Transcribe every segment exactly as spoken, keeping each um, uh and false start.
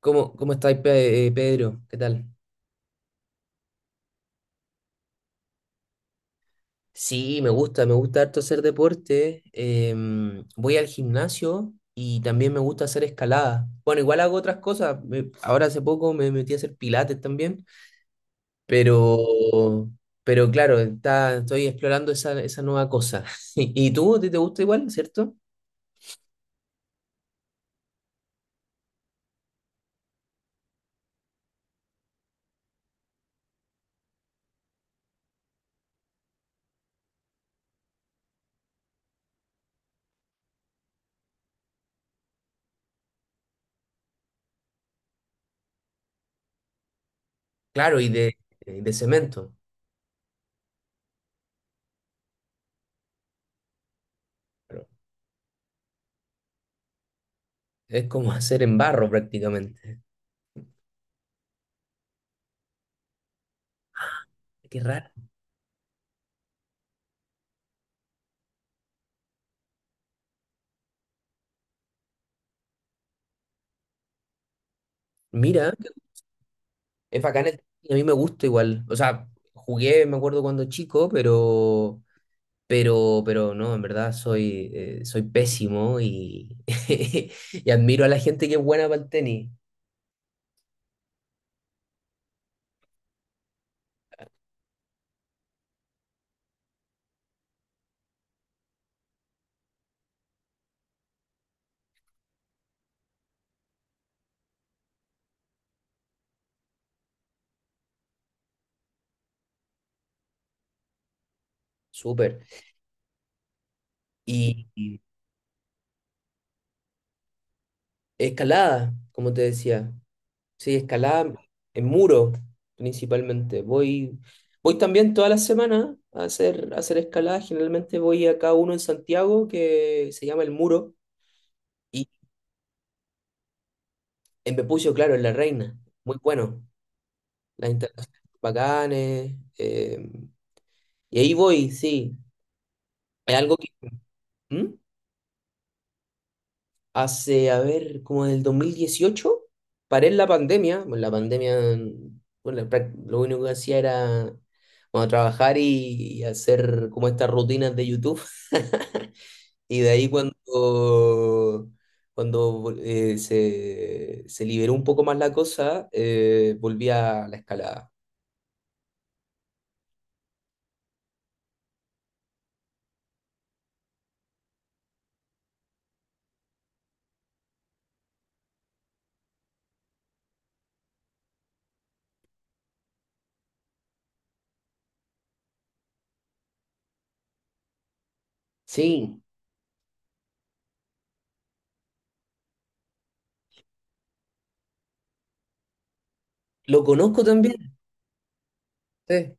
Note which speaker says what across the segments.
Speaker 1: ¿Cómo, cómo estáis, Pe- eh, Pedro? ¿Qué tal? Sí, me gusta, me gusta harto hacer deporte. Em, voy al gimnasio y también me gusta hacer escalada. Bueno, igual hago otras cosas. Me- ahora hace poco me metí a hacer pilates también, pero, pero claro, está, estoy explorando esa, esa nueva cosa. ¿Y tú? ¿Te, te gusta igual, cierto? Claro, y de, de cemento. pero Es como hacer en barro prácticamente. Qué raro. Mira. Es bacán el tenis, a mí me gusta igual. O sea, jugué, me acuerdo cuando chico, pero, pero, pero no, en verdad soy, eh, soy pésimo y, y admiro a la gente que es buena para el tenis. Súper. Y, y escalada, como te decía. Sí, escalada en muro, principalmente. Voy, voy también todas las semanas a hacer, a hacer escalada. Generalmente voy a cada uno en Santiago que se llama El Muro. Y en Bepucio, claro, en La Reina. Muy bueno. Las instalaciones son bacanes. Eh, y ahí voy, sí. Es algo que… ¿Mm? Hace, a ver, como en el dos mil dieciocho paré en la pandemia. Bueno, la pandemia, bueno, la prac- lo único que hacía era, bueno, trabajar y, y hacer como estas rutinas de YouTube. Y de ahí cuando, cuando eh, se, se liberó un poco más la cosa, eh, volví a la escalada. Sí, lo conozco también. Sí.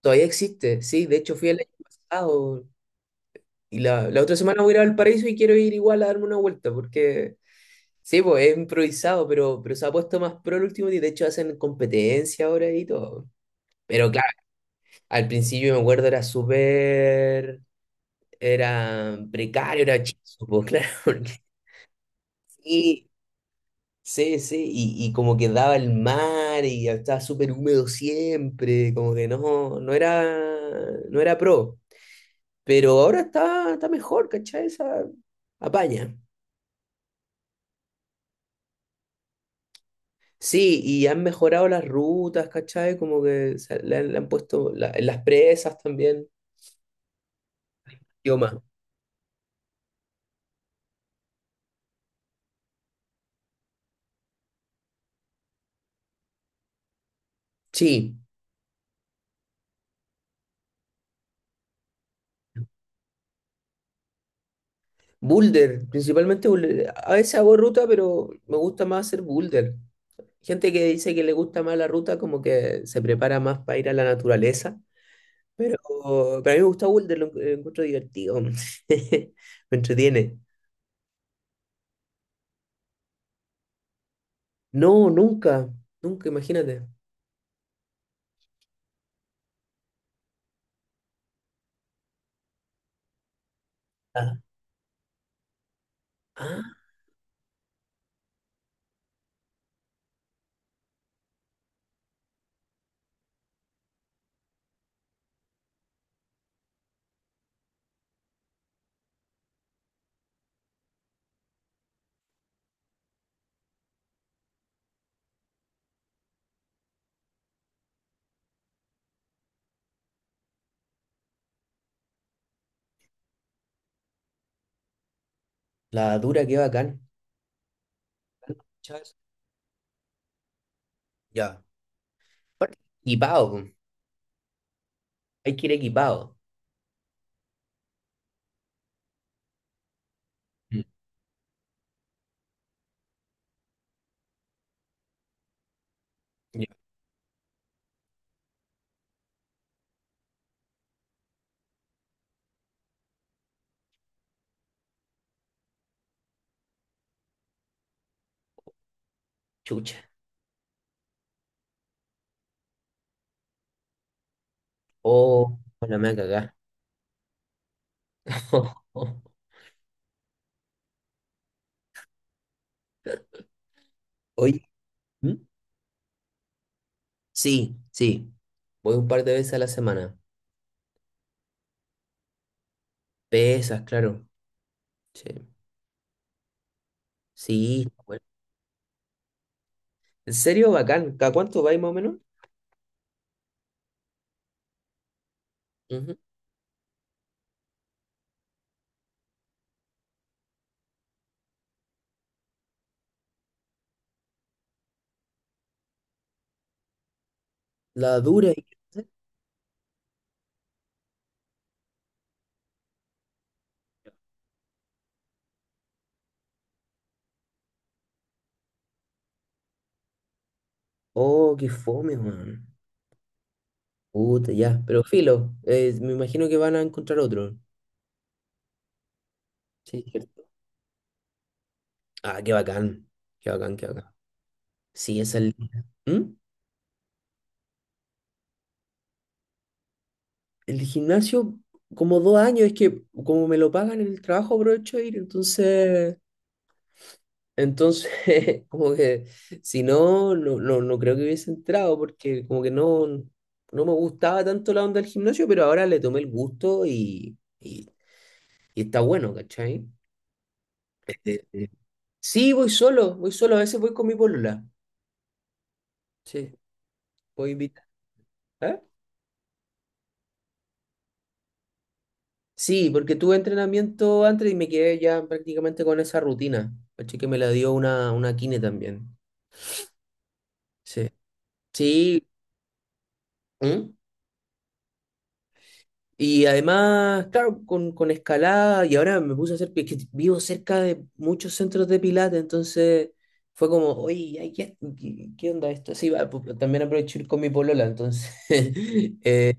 Speaker 1: Todavía existe, sí. De hecho, fui el año pasado y la, la otra semana voy a ir al paraíso y quiero ir igual a darme una vuelta porque, sí, pues es improvisado, pero, pero se ha puesto más pro el último día. De hecho, hacen competencia ahora y todo. Pero claro, al principio me acuerdo era súper, era precario, era chiso, pues claro, porque sí. Sí, sí, y, y como que daba el mar y estaba súper húmedo siempre, como que no, no era, no era pro. Pero ahora está, está mejor, ¿cachai? Esa apaña. Sí, y han mejorado las rutas, ¿cachai? Como que se- le, han le han puesto la- en las presas también, yo más. Sí, boulder, principalmente boulder. A veces hago ruta, pero me gusta más hacer boulder. Gente que dice que le gusta más la ruta, como que se prepara más para ir a la naturaleza. Pero, pero a mí me gusta boulder, lo, lo encuentro divertido. Me entretiene. No, nunca, nunca, imagínate. Ah, la dura, qué bacán. Chas. Ya. Aparte, equipado, po. Hay que ir equipado. Mm. Ya. Chucha. Oh, la me cagá. Oye. ¿Mm? Sí, sí. Voy un par de veces a la semana. Pesas, claro. Sí. Sí, está bueno. ¿En serio, bacán? ¿Cada cuánto vais más o menos? Ujú. La dura. ¿Y qué hacer? Oh, qué fome, man. Puta, ya. Pero filo, eh, me imagino que van a encontrar otro. Sí, cierto. Ah, qué bacán. Qué bacán, qué bacán. Sí, es el. ¿Mm? El gimnasio, como dos años, es que como me lo pagan en el trabajo, aprovecho de ir, entonces, entonces, como que si no, no, no, no creo que hubiese entrado, porque como que no, no me gustaba tanto la onda del gimnasio, pero ahora le tomé el gusto y, y, y está bueno, ¿cachai? Eh, eh, Sí, voy solo, voy solo, a veces voy con mi polola. Sí, voy invitar. ¿Eh? Sí, porque tuve entrenamiento antes y me quedé ya prácticamente con esa rutina. Caché que me la dio una, una kine también. Sí. Sí. ¿Mm? Y además, claro, con, con escalada, y ahora me puse a hacer, pi- que vivo cerca de muchos centros de pilates, entonces fue como, oye, ay, ¿qué, qué- qué onda esto? Sí, va, pues, también aprovecho ir con mi polola, entonces, eh,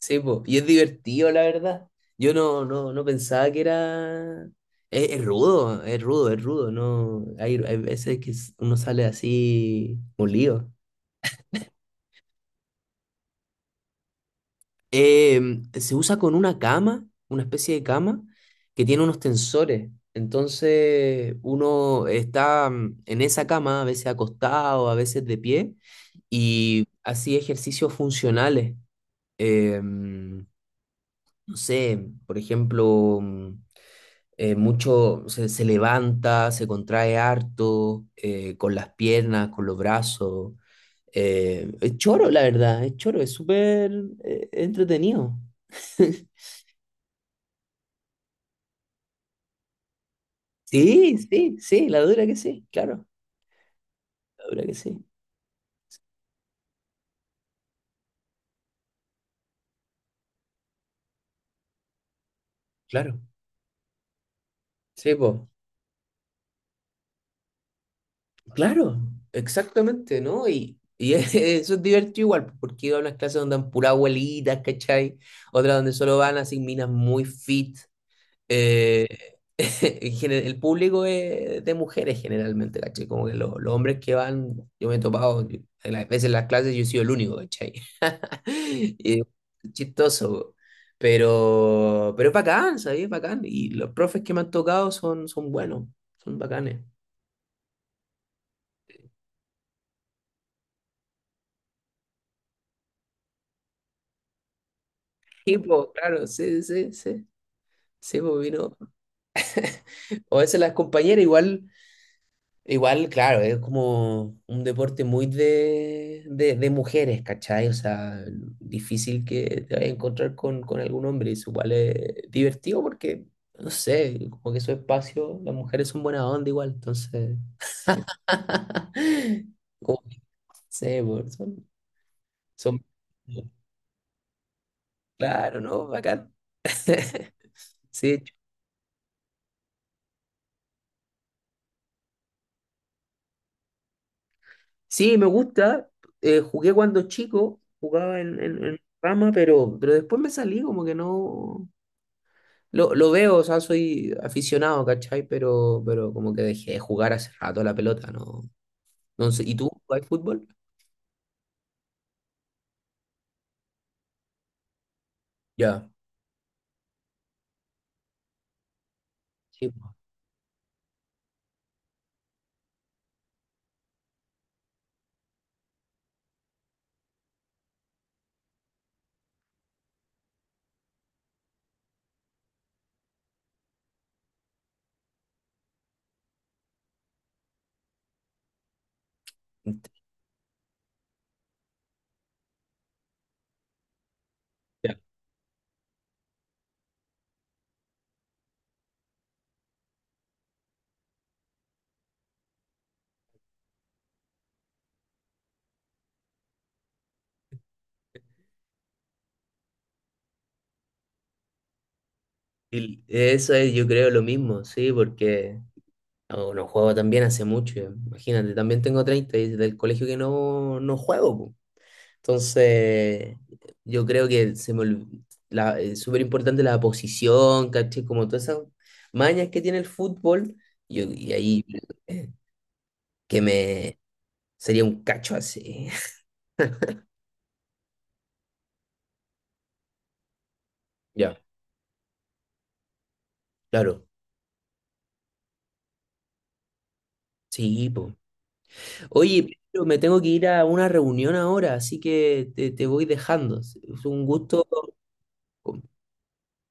Speaker 1: sí, pues, y es divertido, la verdad. Yo no, no, no pensaba que era... Es, es rudo, es rudo, es rudo, no, hay, hay veces que uno sale así molido. Eh, Se usa con una cama, una especie de cama, que tiene unos tensores. Entonces uno está mm, en esa cama, a veces acostado, a veces de pie, y así ejercicios funcionales. Eh, mm, no sé, por ejemplo, mm, eh, mucho se, se levanta, se contrae harto, eh, con las piernas, con los brazos. Eh, es choro, la verdad, es choro, es súper eh, entretenido. Sí, sí, sí, la dura que sí, claro, la dura que sí, claro, sí, po, claro, exactamente, ¿no? Y, y eso es divertido igual, po, porque iba a unas clases donde dan pura abuelitas, ¿cachai? Otras donde solo van así minas muy fit. Eh, en gene- el público es de mujeres generalmente, ¿cachai? Como que los, los hombres que van, yo me he topado, yo- en las veces en las clases yo he sido el único, ¿cachai? Y chistoso, po. pero, pero es bacán, ¿sabes? Es bacán. Y los profes que me han tocado son, son buenos, son bacanes. Sí, po, claro, sí, sí, sí. Sí, po, vino. O a veces las compañeras igual. Igual, claro, es como un deporte muy de, de, de mujeres, ¿cachai? O sea, difícil que te vayas a encontrar con, con algún hombre. Eso igual es divertido porque, no sé, como que su espacio, las mujeres son buena onda igual, entonces. Como que, no sé, por- son, son. Claro, ¿no? Bacán. Sí, sí, me gusta. Eh, jugué cuando chico, jugaba en, en, en rama, pero, pero después me salí, como que no. Lo, lo veo, o sea, soy aficionado, ¿cachai? Pero, pero como que dejé de jugar hace rato la pelota, ¿no? Entonces, ¿y tú jugáis fútbol? Ya. Sí, po. Ya. Y eso es, yo creo, lo mismo, sí, porque no, no juego también hace mucho, ya. Imagínate, también tengo treinta y desde el colegio que no, no juego, po. Entonces, yo creo que se me olvi- la, es súper importante la posición, ¿cachai? Como todas esas mañas que tiene el fútbol, yo, y ahí eh, que me, sería un cacho así. Ya. Claro, sí, po. Oye, pero me tengo que ir a una reunión ahora, así que te, te voy dejando. Es un gusto